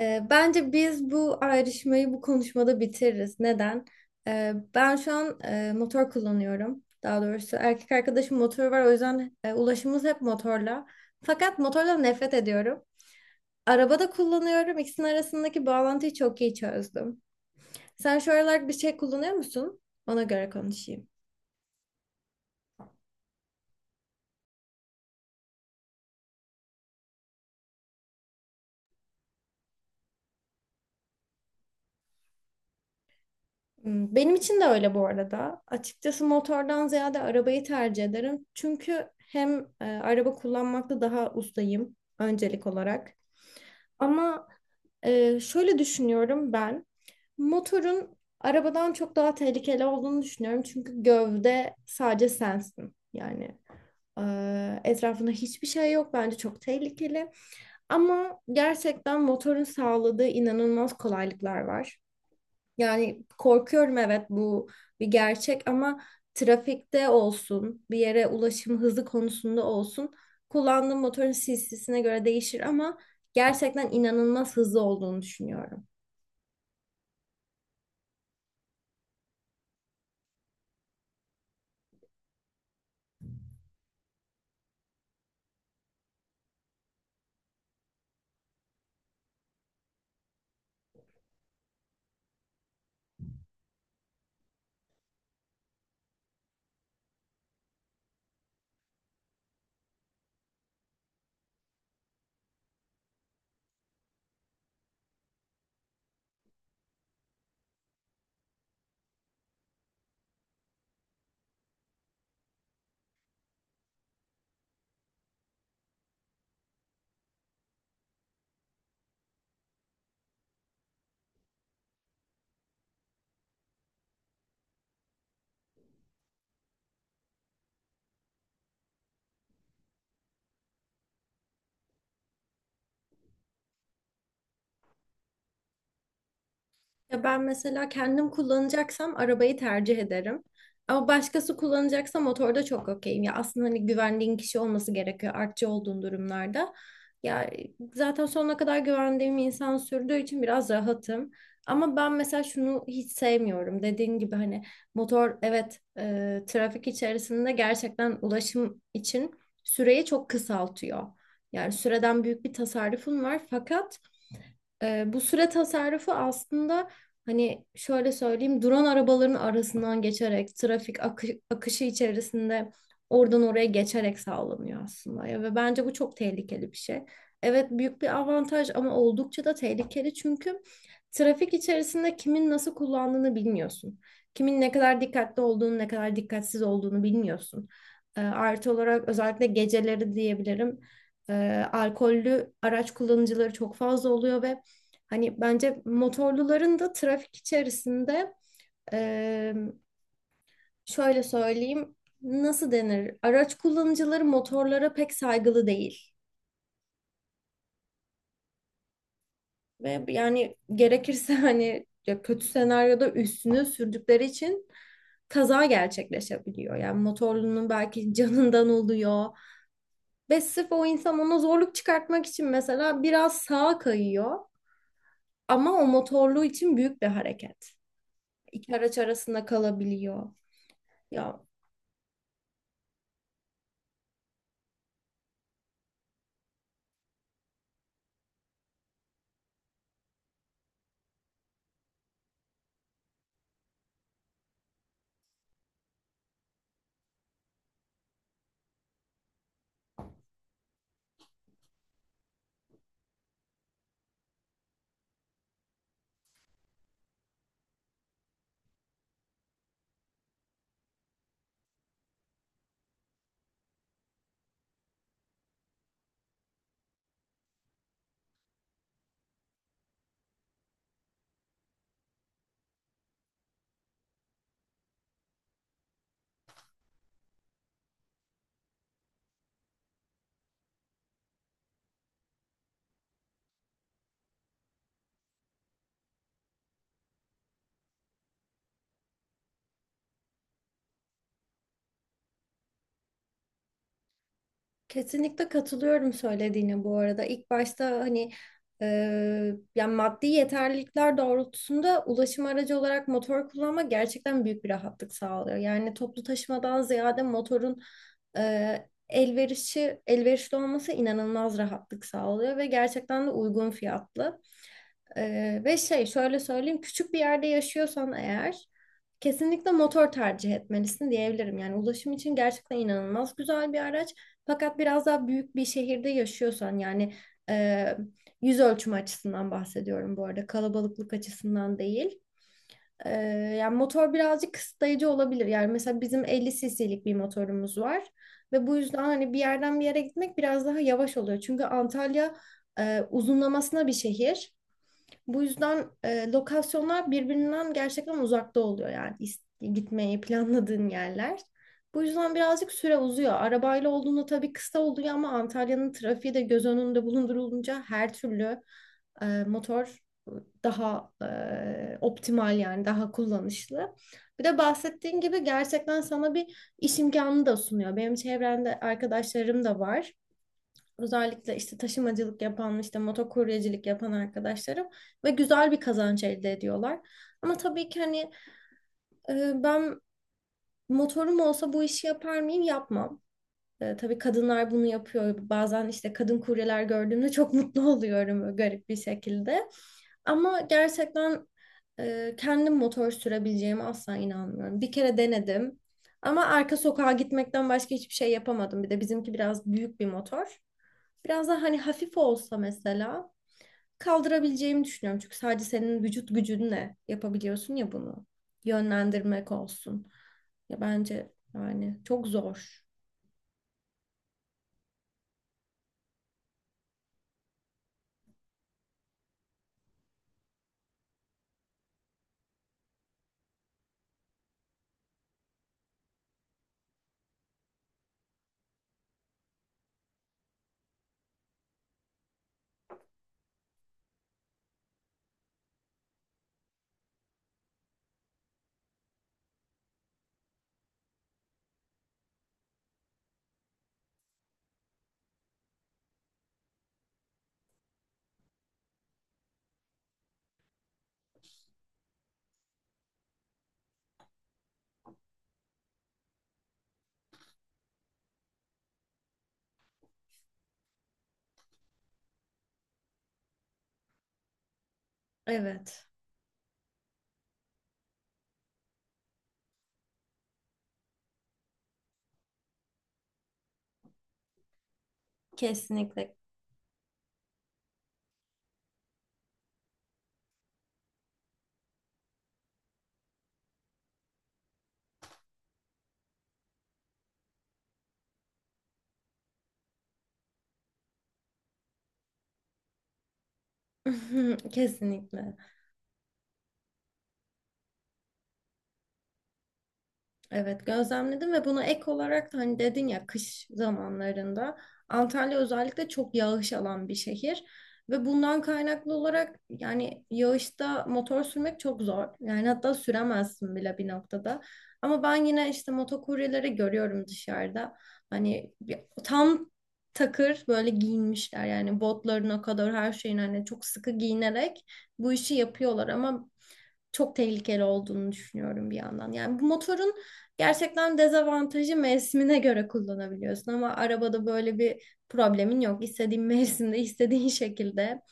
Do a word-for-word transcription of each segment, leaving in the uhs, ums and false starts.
Ee, bence biz bu ayrışmayı bu konuşmada bitiririz. Neden? Ee, ben şu an e, motor kullanıyorum. Daha doğrusu erkek arkadaşım motoru var. O yüzden e, ulaşımımız hep motorla. Fakat motordan nefret ediyorum. Arabada kullanıyorum. İkisinin arasındaki bağlantıyı çok iyi çözdüm. Sen şu aralar bir şey kullanıyor musun? Ona göre konuşayım. Hmm, Benim için de öyle bu arada. Açıkçası motordan ziyade arabayı tercih ederim. Çünkü hem e, araba kullanmakta daha ustayım öncelik olarak. Ama e, şöyle düşünüyorum ben. Motorun arabadan çok daha tehlikeli olduğunu düşünüyorum. Çünkü gövde sadece sensin. Yani e, etrafında hiçbir şey yok. Bence çok tehlikeli. Ama gerçekten motorun sağladığı inanılmaz kolaylıklar var. Yani korkuyorum, evet, bu bir gerçek ama trafikte olsun, bir yere ulaşım hızı konusunda olsun, kullandığım motorun cc'sine göre değişir ama gerçekten inanılmaz hızlı olduğunu düşünüyorum. Ya ben mesela kendim kullanacaksam arabayı tercih ederim. Ama başkası kullanacaksa motorda çok okeyim. Ya aslında hani güvendiğin kişi olması gerekiyor artçı olduğun durumlarda. Ya zaten sonuna kadar güvendiğim insan sürdüğü için biraz rahatım. Ama ben mesela şunu hiç sevmiyorum. Dediğin gibi hani motor evet, e, trafik içerisinde gerçekten ulaşım için süreyi çok kısaltıyor. Yani süreden büyük bir tasarrufun var fakat ee, bu süre tasarrufu aslında, hani şöyle söyleyeyim, drone arabaların arasından geçerek trafik akı- akışı içerisinde oradan oraya geçerek sağlanıyor aslında ya, ve bence bu çok tehlikeli bir şey. Evet, büyük bir avantaj ama oldukça da tehlikeli, çünkü trafik içerisinde kimin nasıl kullandığını bilmiyorsun. Kimin ne kadar dikkatli olduğunu, ne kadar dikkatsiz olduğunu bilmiyorsun. Ee, artı olarak özellikle geceleri diyebilirim. Ee, alkollü araç kullanıcıları çok fazla oluyor ve hani bence motorluların da trafik içerisinde eee, şöyle söyleyeyim, nasıl denir? Araç kullanıcıları motorlara pek saygılı değil. Ve yani gerekirse hani ya kötü senaryoda üstünü sürdükleri için kaza gerçekleşebiliyor. Yani motorlunun belki canından oluyor. Ve sırf o insan ona zorluk çıkartmak için mesela biraz sağa kayıyor. Ama o motorlu için büyük bir hareket. İki araç arasında kalabiliyor. Ya, kesinlikle katılıyorum söylediğine bu arada. İlk başta hani e, yani maddi yeterlilikler doğrultusunda ulaşım aracı olarak motor kullanmak gerçekten büyük bir rahatlık sağlıyor. Yani toplu taşımadan ziyade motorun e, elverişi, elverişli olması inanılmaz rahatlık sağlıyor ve gerçekten de uygun fiyatlı. Ee, ve şey şöyle söyleyeyim, küçük bir yerde yaşıyorsan eğer kesinlikle motor tercih etmelisin diyebilirim. Yani ulaşım için gerçekten inanılmaz güzel bir araç. Fakat biraz daha büyük bir şehirde yaşıyorsan, yani e, yüz ölçümü açısından bahsediyorum bu arada, kalabalıklık açısından değil. E, Yani motor birazcık kısıtlayıcı olabilir. Yani mesela bizim elli cc'lik bir motorumuz var ve bu yüzden hani bir yerden bir yere gitmek biraz daha yavaş oluyor. Çünkü Antalya e, uzunlamasına bir şehir. Bu yüzden e, lokasyonlar birbirinden gerçekten uzakta oluyor, yani is- gitmeyi planladığın yerler. Bu yüzden birazcık süre uzuyor. Arabayla olduğunda tabii kısa oluyor ama Antalya'nın trafiği de göz önünde bulundurulunca her türlü e, motor daha e, optimal, yani daha kullanışlı. Bir de bahsettiğin gibi gerçekten sana bir iş imkanı da sunuyor. Benim çevremde arkadaşlarım da var, özellikle işte taşımacılık yapan, işte motokuryecilik yapan arkadaşlarım, ve güzel bir kazanç elde ediyorlar. Ama tabii ki hani, e, ben motorum olsa bu işi yapar mıyım? Yapmam. E, tabii kadınlar bunu yapıyor. Bazen işte kadın kuryeler gördüğümde çok mutlu oluyorum böyle garip bir şekilde. Ama gerçekten e, kendim motor sürebileceğime asla inanmıyorum. Bir kere denedim. Ama arka sokağa gitmekten başka hiçbir şey yapamadım. Bir de bizimki biraz büyük bir motor. Biraz daha hani hafif olsa mesela kaldırabileceğimi düşünüyorum. Çünkü sadece senin vücut gücünle yapabiliyorsun ya bunu. Yönlendirmek olsun. Ya bence yani çok zor. Evet. Kesinlikle. Kesinlikle. Evet, gözlemledim, ve buna ek olarak da hani dedin ya, kış zamanlarında Antalya özellikle çok yağış alan bir şehir ve bundan kaynaklı olarak yani yağışta motor sürmek çok zor. Yani hatta süremezsin bile bir noktada. Ama ben yine işte motokuryeleri görüyorum dışarıda. Hani bir- tam takır böyle giyinmişler, yani botlarına kadar her şeyin, hani çok sıkı giyinerek bu işi yapıyorlar, ama çok tehlikeli olduğunu düşünüyorum bir yandan. Yani bu motorun gerçekten dezavantajı, mevsimine göre kullanabiliyorsun, ama arabada böyle bir problemin yok. İstediğin mevsimde, istediğin şekilde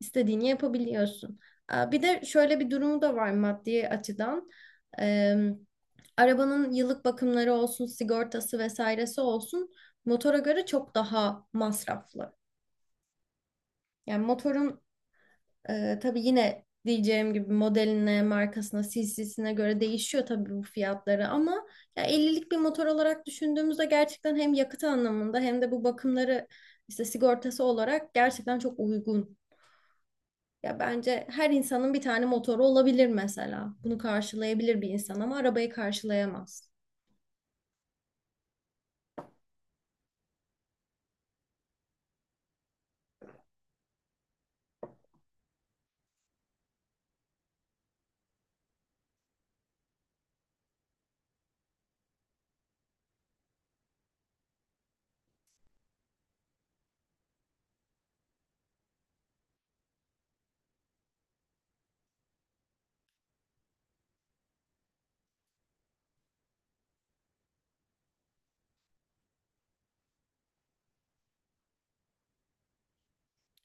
istediğini yapabiliyorsun. Ee, Bir de şöyle bir durumu da var maddi açıdan. Ee, Arabanın yıllık bakımları olsun, sigortası vesairesi olsun, motora göre çok daha masraflı. Yani motorun ee, tabii yine diyeceğim gibi modeline, markasına, cc'sine göre değişiyor tabii bu fiyatları, ama ya ellilik bir motor olarak düşündüğümüzde gerçekten hem yakıt anlamında hem de bu bakımları işte sigortası olarak gerçekten çok uygun. Ya bence her insanın bir tane motoru olabilir mesela. Bunu karşılayabilir bir insan ama arabayı karşılayamaz.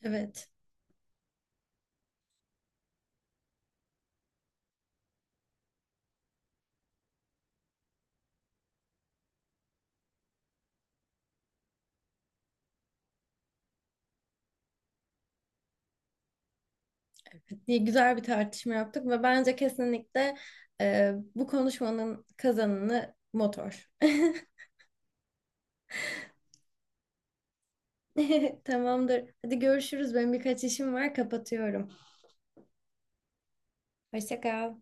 Evet, diye güzel bir tartışma yaptık ve bence kesinlikle e, bu konuşmanın kazananı motor. Tamamdır. Hadi görüşürüz. Benim birkaç işim var, kapatıyorum. Hoşça kal.